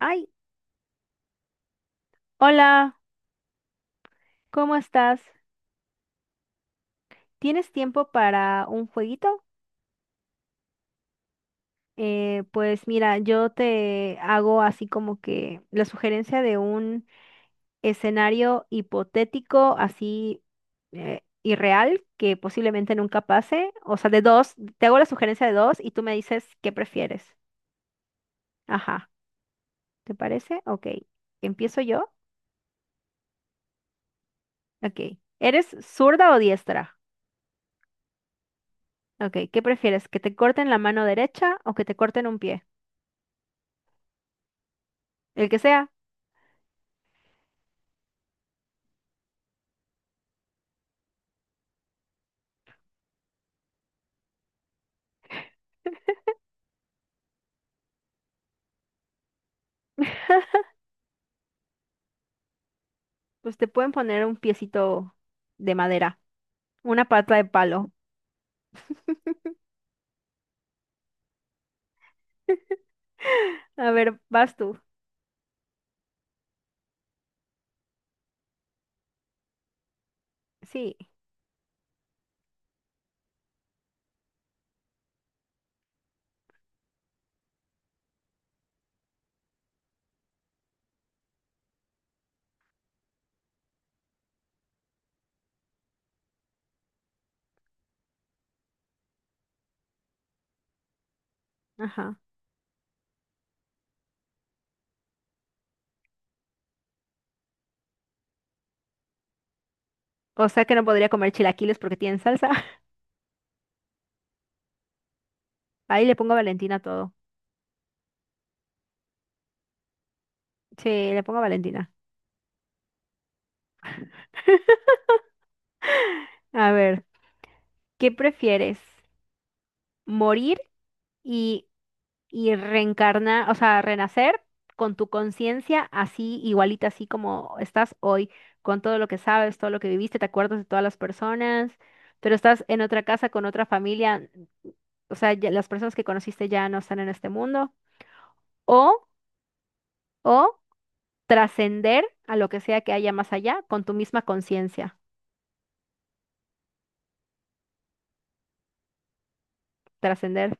Ay, hola, ¿cómo estás? ¿Tienes tiempo para un jueguito? Pues mira, yo te hago así como que la sugerencia de un escenario hipotético, así irreal, que posiblemente nunca pase. O sea, de dos, te hago la sugerencia de dos y tú me dices qué prefieres. Ajá, ¿te parece? Ok, ¿empiezo yo? Ok, ¿eres zurda o diestra? Ok, ¿qué prefieres? ¿Que te corten la mano derecha o que te corten un pie? El que sea. Pues te pueden poner un piecito de madera, una pata de palo. A ver, vas tú. Sí, ajá. O sea que no podría comer chilaquiles porque tienen salsa. Ahí le pongo Valentina a todo. Sí, le pongo Valentina. A ver, ¿qué prefieres? ¿Morir y reencarnar, o sea, renacer con tu conciencia así, igualita, así como estás hoy, con todo lo que sabes, todo lo que viviste, te acuerdas de todas las personas, pero estás en otra casa con otra familia, o sea, ya las personas que conociste ya no están en este mundo, o, o trascender a lo que sea que haya más allá con tu misma conciencia, trascender,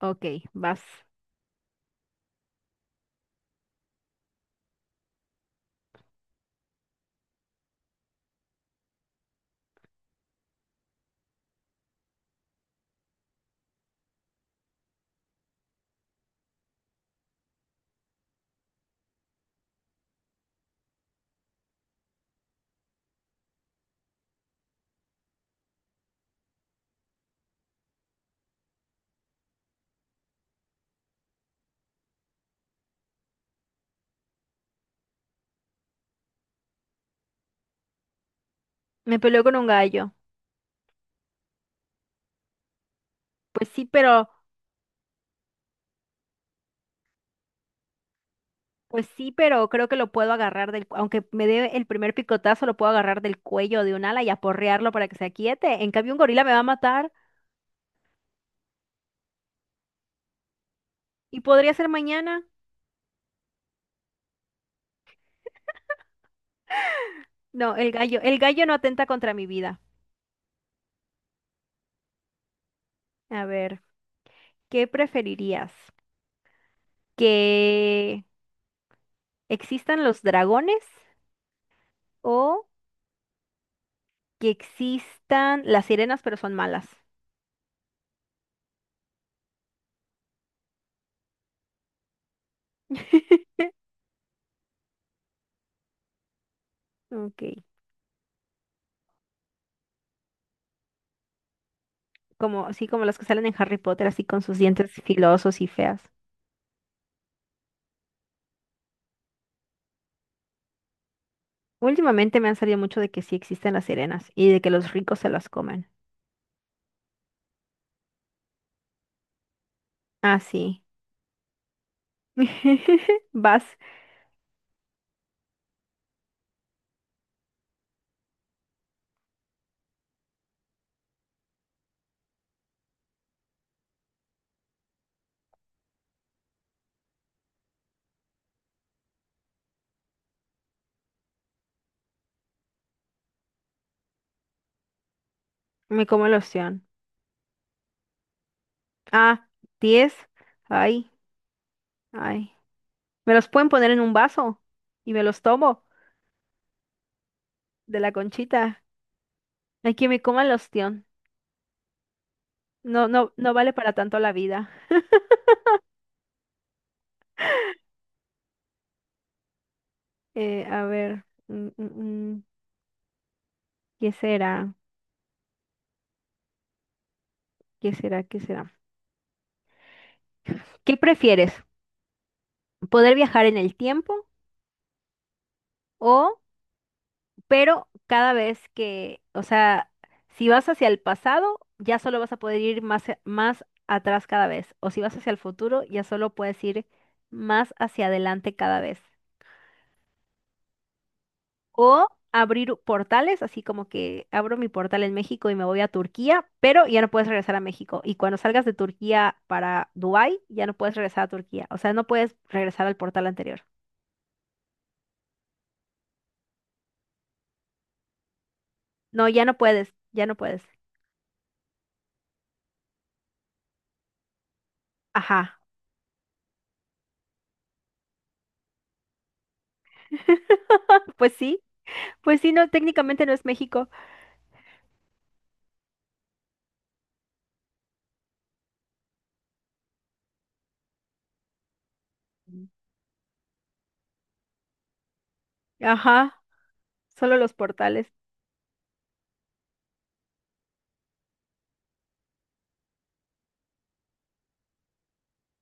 ok, vas. Me peleó con un gallo, pues sí, pero... Pues sí, pero creo que lo puedo agarrar del, aunque me dé el primer picotazo, lo puedo agarrar del cuello de un ala y aporrearlo para que se aquiete. En cambio, un gorila me va a matar y podría ser mañana. No, el gallo no atenta contra mi vida. A ver, ¿qué preferirías? ¿Que existan los dragones o que existan las sirenas, pero son malas? Ok, como así como las que salen en Harry Potter, así con sus dientes filosos y feas. Últimamente me han salido mucho de que sí existen las sirenas y de que los ricos se las comen. Ah, sí. Vas, me como el ostión. Ah, 10. Ay, ay. Me los pueden poner en un vaso y me los tomo de la conchita. Hay que me coma el ostión. No, no vale para tanto la vida. A ver, ¿Qué será? ¿Qué será? ¿Qué será? ¿Qué prefieres? ¿Poder viajar en el tiempo o pero cada vez que, o sea, si vas hacia el pasado, ya solo vas a poder ir más atrás cada vez, o si vas hacia el futuro, ya solo puedes ir más hacia adelante cada vez. O abrir portales, así como que abro mi portal en México y me voy a Turquía, pero ya no puedes regresar a México. Y cuando salgas de Turquía para Dubái, ya no puedes regresar a Turquía. O sea, no puedes regresar al portal anterior. No, ya no puedes. Ajá. Pues sí, pues sí, no, técnicamente no es México. Ajá, solo los portales.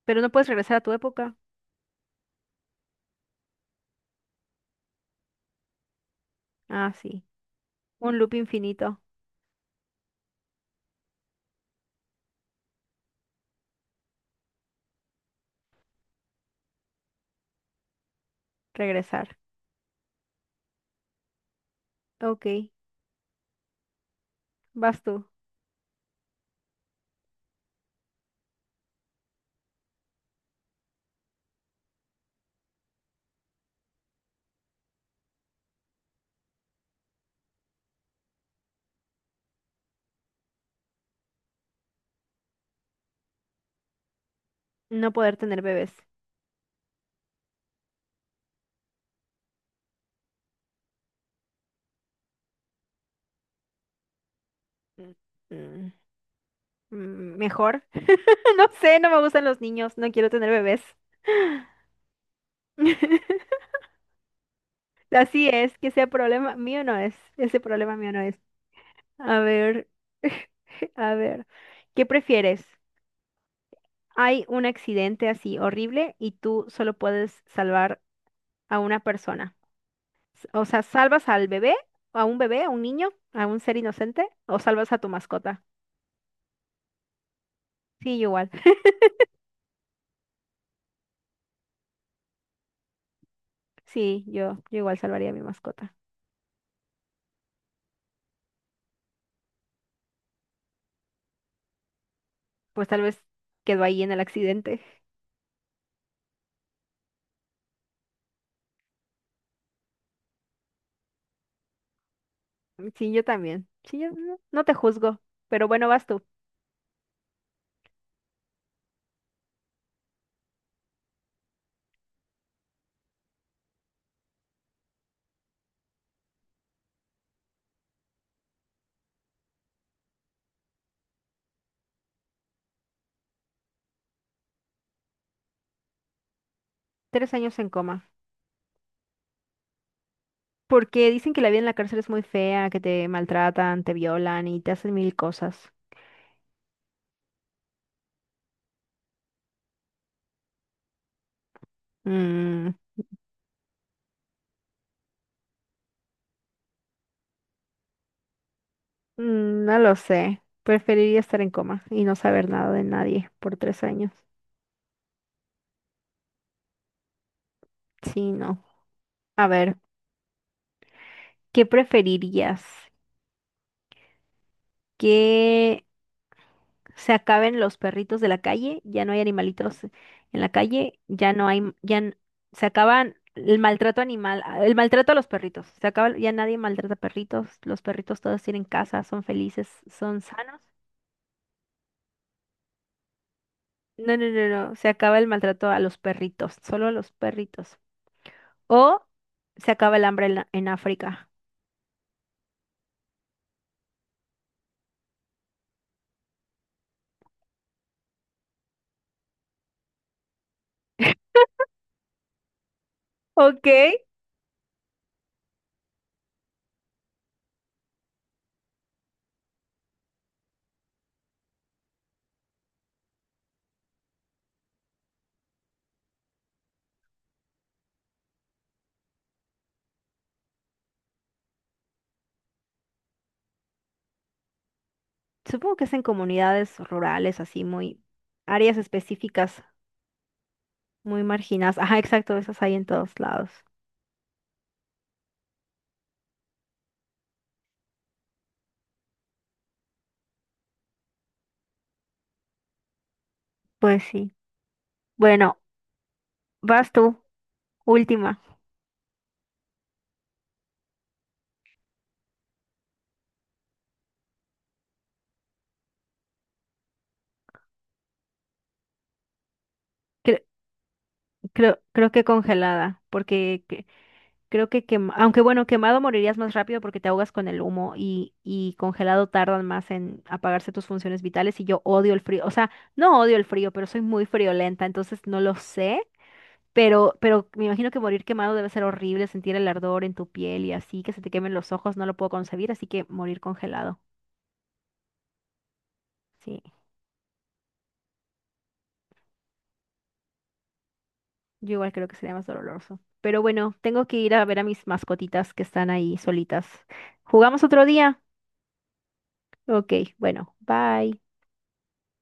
Pero no puedes regresar a tu época. Ah, sí. Un loop infinito. Regresar. Ok, vas tú. No poder tener bebés. Mm, mm, Mejor. No sé, no me gustan los niños. No quiero tener bebés. Así es, que sea problema mío no es. Ese problema mío no es. A ver, a ver. ¿Qué prefieres? Hay un accidente así horrible y tú solo puedes salvar a una persona. O sea, ¿salvas al bebé? ¿A un bebé? ¿A un niño? ¿A un ser inocente? ¿O salvas a tu mascota? Sí, yo igual. Sí, yo igual salvaría a mi mascota. Pues tal vez quedó ahí en el accidente. Sí, yo también. Sí, yo no te juzgo. Pero bueno, vas tú. 3 años en coma. Porque dicen que la vida en la cárcel es muy fea, que te maltratan, te violan y te hacen mil cosas. Mm, mm, no lo sé. Preferiría estar en coma y no saber nada de nadie por 3 años. Sí, no. A ver. ¿Qué preferirías? ¿Que se acaben los perritos de la calle? ¿Ya no hay animalitos en la calle? ¿Ya no hay, m- ya n- se acaban el maltrato animal, el maltrato a los perritos? Se acaba, ya nadie maltrata perritos, los perritos todos tienen casa, son felices, son sanos. No, se acaba el maltrato a los perritos, solo a los perritos. O se acaba el hambre en África. Ok. Supongo que es en comunidades rurales, así muy áreas específicas. Muy marginadas. Ajá, exacto, esas hay en todos lados. Pues sí. Bueno, vas tú, última. Cre- creo que congelada, porque creo que aunque bueno, quemado morirías más rápido porque te ahogas con el humo y congelado tardan más en apagarse tus funciones vitales y yo odio el frío. O sea, no odio el frío, pero soy muy friolenta, entonces no lo sé. Pero me imagino que morir quemado debe ser horrible, sentir el ardor en tu piel y así, que se te quemen los ojos, no lo puedo concebir, así que morir congelado. Sí. Yo igual creo que sería más doloroso. Pero bueno, tengo que ir a ver a mis mascotitas que están ahí solitas. ¿Jugamos otro día? Ok, bueno, bye.